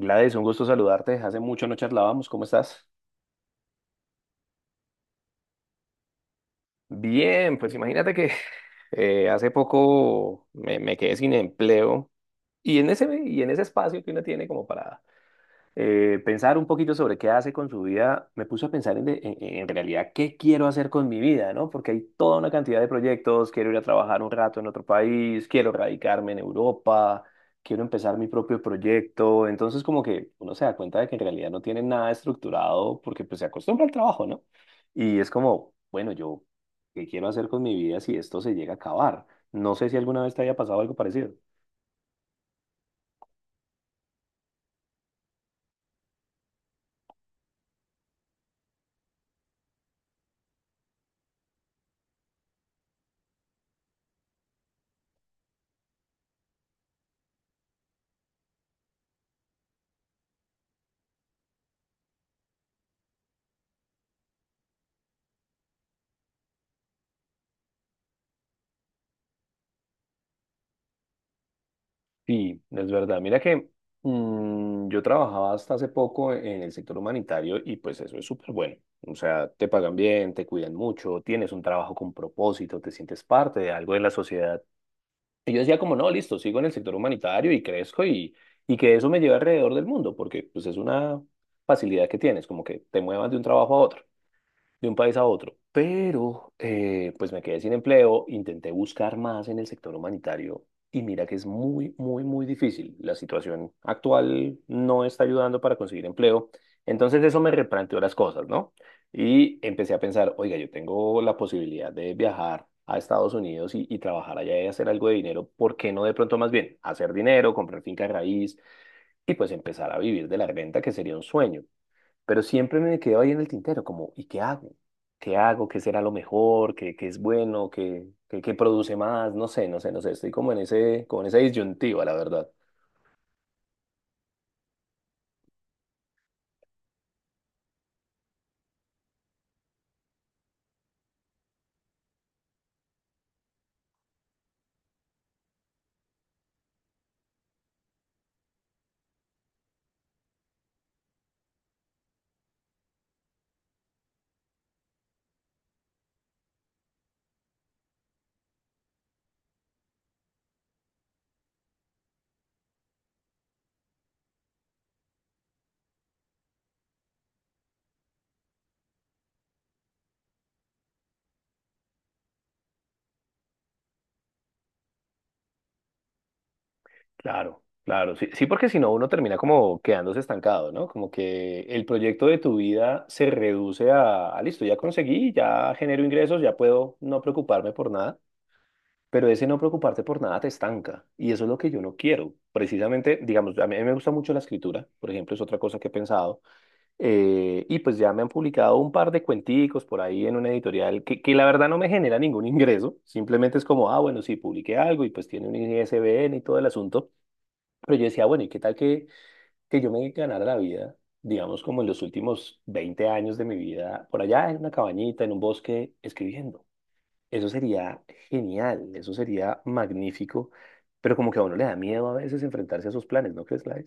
Gladys, un gusto saludarte. Hace mucho no charlábamos. ¿Cómo estás? Bien, pues imagínate que hace poco me quedé sin empleo y en ese espacio que uno tiene como para pensar un poquito sobre qué hace con su vida, me puso a pensar en realidad qué quiero hacer con mi vida, ¿no? Porque hay toda una cantidad de proyectos, quiero ir a trabajar un rato en otro país, quiero radicarme en Europa, quiero empezar mi propio proyecto. Entonces como que uno se da cuenta de que en realidad no tiene nada estructurado, porque pues se acostumbra al trabajo, ¿no? Y es como, bueno, yo, ¿qué quiero hacer con mi vida si esto se llega a acabar? No sé si alguna vez te haya pasado algo parecido. Sí, es verdad. Mira que yo trabajaba hasta hace poco en el sector humanitario, y pues eso es súper bueno. O sea, te pagan bien, te cuidan mucho, tienes un trabajo con propósito, te sientes parte de algo de la sociedad. Y yo decía como, no, listo, sigo en el sector humanitario y crezco, y que eso me lleve alrededor del mundo, porque pues es una facilidad que tienes, como que te muevas de un trabajo a otro, de un país a otro. Pero pues me quedé sin empleo, intenté buscar más en el sector humanitario y mira que es muy, muy, muy difícil. La situación actual no está ayudando para conseguir empleo. Entonces eso me replanteó las cosas, ¿no? Y empecé a pensar, oiga, yo tengo la posibilidad de viajar a Estados Unidos y trabajar allá y hacer algo de dinero. ¿Por qué no, de pronto, más bien hacer dinero, comprar finca raíz y pues empezar a vivir de la renta, que sería un sueño? Pero siempre me quedaba ahí en el tintero, como, ¿y qué hago? ¿Qué hago? ¿Qué será lo mejor? ¿Qué, qué es bueno? ¿Qué, qué, qué produce más? No sé, no sé, no sé. Estoy como en ese, como en esa disyuntiva, la verdad. Claro, claro. Sí, sí, porque si no, uno termina como quedándose estancado, ¿no? Como que el proyecto de tu vida se reduce a listo, ya conseguí, ya genero ingresos, ya puedo no preocuparme por nada. Pero ese no preocuparte por nada te estanca. Y eso es lo que yo no quiero. Precisamente, digamos, a mí me gusta mucho la escritura, por ejemplo, es otra cosa que he pensado. Y pues ya me han publicado un par de cuenticos por ahí en una editorial que la verdad no me genera ningún ingreso, simplemente es como, ah, bueno, sí, publiqué algo y pues tiene un ISBN y todo el asunto. Pero yo decía, bueno, ¿y qué tal que yo me ganara la vida, digamos, como en los últimos 20 años de mi vida, por allá en una cabañita, en un bosque, escribiendo? Eso sería genial, eso sería magnífico, pero como que a uno le da miedo a veces enfrentarse a sus planes, ¿no crees, Lai?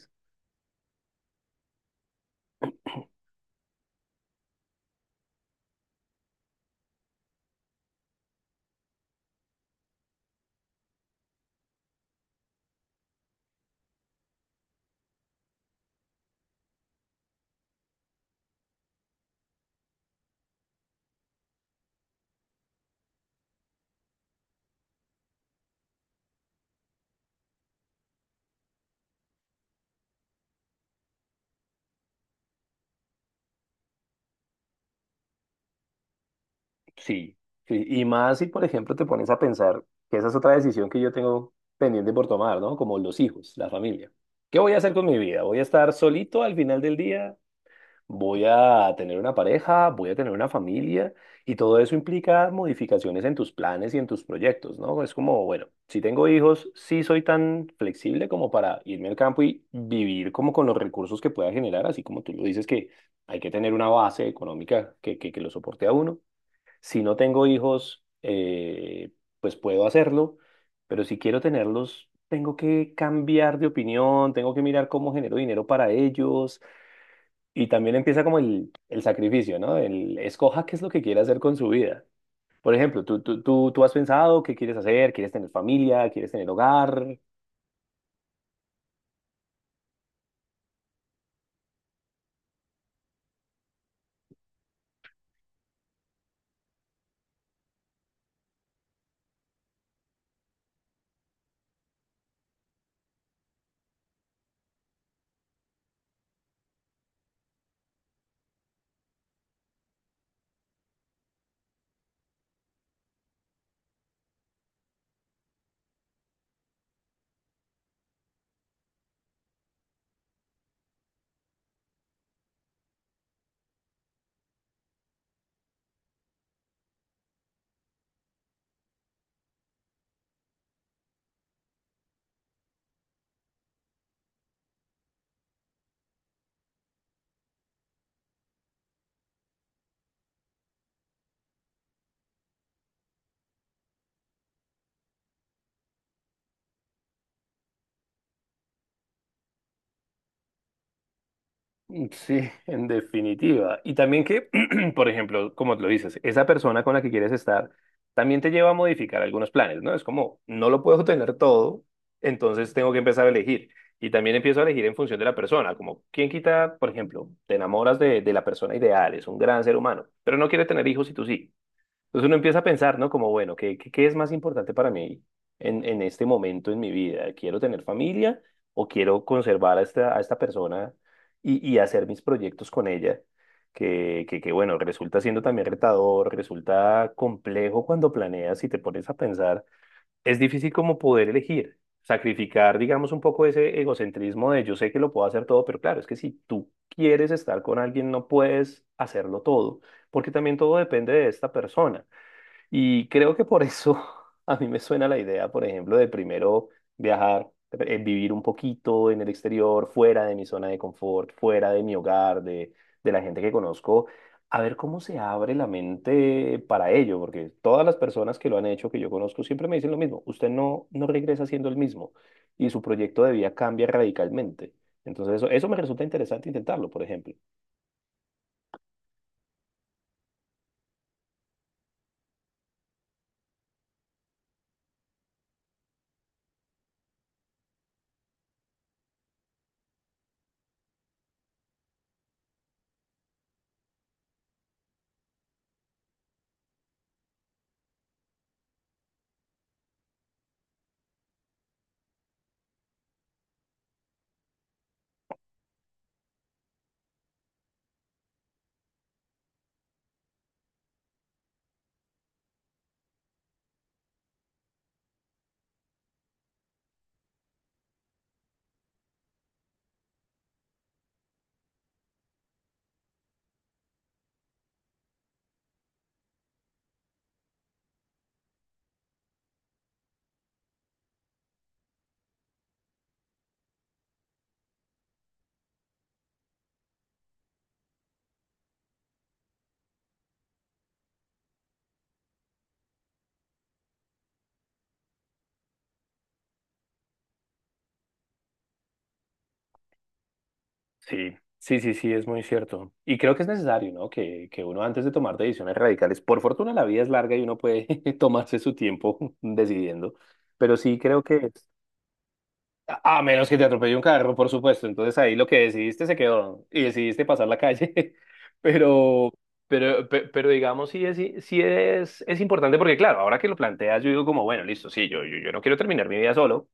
Sí, sí, y más si, por ejemplo, te pones a pensar que esa es otra decisión que yo tengo pendiente por tomar, ¿no? Como los hijos, la familia. ¿Qué voy a hacer con mi vida? ¿Voy a estar solito al final del día? ¿Voy a tener una pareja? ¿Voy a tener una familia? Y todo eso implica modificaciones en tus planes y en tus proyectos, ¿no? Es como, bueno, si tengo hijos, sí soy tan flexible como para irme al campo y vivir como con los recursos que pueda generar, así como tú lo dices, que hay que tener una base económica que lo soporte a uno. Si no tengo hijos, pues puedo hacerlo, pero si quiero tenerlos, tengo que cambiar de opinión, tengo que mirar cómo genero dinero para ellos. Y también empieza como el sacrificio, ¿no? El escoja qué es lo que quiere hacer con su vida. Por ejemplo, tú has pensado qué quieres hacer, quieres tener familia, quieres tener hogar. Mm, sí, en definitiva. Y también que, por ejemplo, como lo dices, esa persona con la que quieres estar también te lleva a modificar algunos planes, ¿no? Es como, no lo puedo tener todo, entonces tengo que empezar a elegir. Y también empiezo a elegir en función de la persona, como, ¿quién quita? Por ejemplo, te enamoras de la persona ideal, es un gran ser humano, pero no quiere tener hijos y tú sí. Entonces uno empieza a pensar, ¿no? Como, bueno, ¿qué, qué, qué es más importante para mí en este momento en mi vida? ¿Quiero tener familia o quiero conservar a esta, persona y hacer mis proyectos con ella? Bueno, resulta siendo también retador, resulta complejo cuando planeas y te pones a pensar. Es difícil como poder elegir, sacrificar, digamos, un poco ese egocentrismo de yo sé que lo puedo hacer todo, pero claro, es que si tú quieres estar con alguien, no puedes hacerlo todo, porque también todo depende de esta persona. Y creo que por eso a mí me suena la idea, por ejemplo, de primero viajar, vivir un poquito en el exterior, fuera de mi zona de confort, fuera de mi hogar, de la gente que conozco, a ver cómo se abre la mente para ello, porque todas las personas que lo han hecho, que yo conozco, siempre me dicen lo mismo: usted no regresa siendo el mismo y su proyecto de vida cambia radicalmente. Entonces eso me resulta interesante intentarlo, por ejemplo. Sí, sí, sí, sí, es muy cierto. Y creo que es necesario, ¿no? Que uno antes de tomar decisiones radicales, por fortuna la vida es larga y uno puede tomarse su tiempo decidiendo, pero sí creo que A menos que te atropelle un carro, por supuesto. Entonces ahí lo que decidiste se quedó y decidiste pasar la calle. Pero, pero, digamos, sí es, es importante, porque, claro, ahora que lo planteas, yo digo como, bueno, listo, sí, yo no quiero terminar mi vida solo.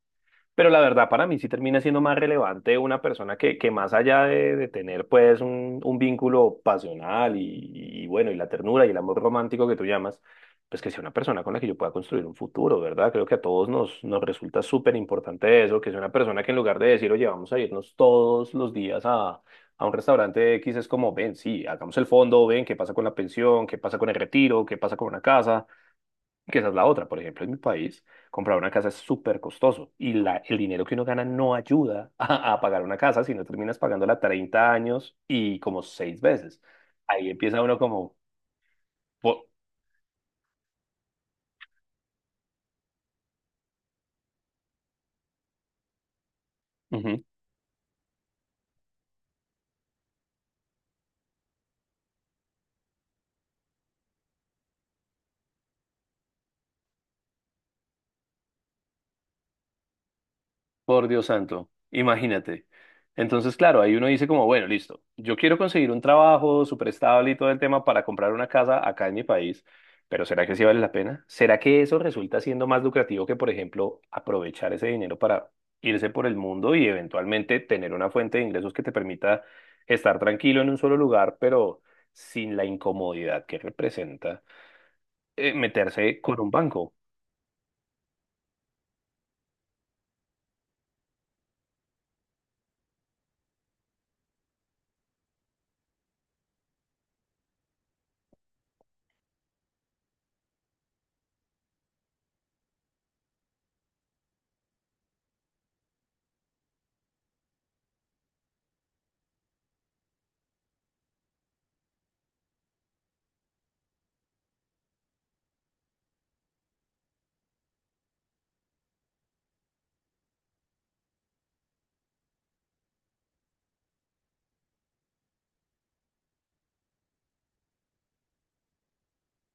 Pero la verdad, para mí sí termina siendo más relevante una persona que más allá de tener pues un, vínculo pasional y bueno, y la ternura y el amor romántico que tú llamas, pues que sea una persona con la que yo pueda construir un futuro, ¿verdad? Creo que a todos nos resulta súper importante eso, que sea una persona que en lugar de decir, oye, vamos a irnos todos los días a un restaurante X, es como, ven, sí, hagamos el fondo, ven, qué pasa con la pensión, qué pasa con el retiro, qué pasa con una casa, que esa es la otra. Por ejemplo, en mi país, comprar una casa es súper costoso, y el dinero que uno gana no ayuda a pagar una casa, sino terminas pagándola 30 años y como seis veces. Ahí empieza uno como... po- Por Dios santo, imagínate. Entonces, claro, ahí uno dice como, bueno, listo, yo quiero conseguir un trabajo súper estable y todo el tema para comprar una casa acá en mi país, pero ¿será que sí vale la pena? ¿Será que eso resulta siendo más lucrativo que, por ejemplo, aprovechar ese dinero para irse por el mundo y eventualmente tener una fuente de ingresos que te permita estar tranquilo en un solo lugar, pero sin la incomodidad que representa meterse con un banco?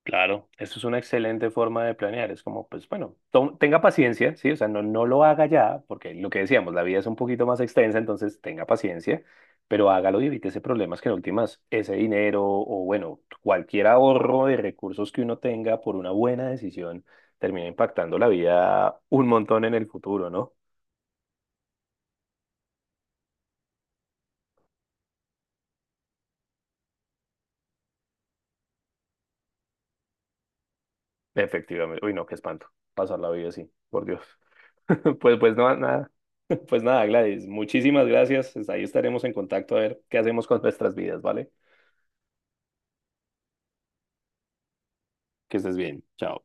Claro, eso es una excelente forma de planear. Es como, pues bueno, tenga paciencia, ¿sí? O sea, no lo haga ya, porque lo que decíamos, la vida es un poquito más extensa, entonces tenga paciencia, pero hágalo y evite ese problemas que en últimas ese dinero, o bueno, cualquier ahorro de recursos que uno tenga por una buena decisión termina impactando la vida un montón en el futuro, ¿no? Efectivamente. Uy, no, qué espanto. Pasar la vida así, por Dios. Pues, pues no, nada. Pues nada, Gladys, muchísimas gracias. Pues ahí estaremos en contacto a ver qué hacemos con nuestras vidas, ¿vale? Que estés bien. Chao.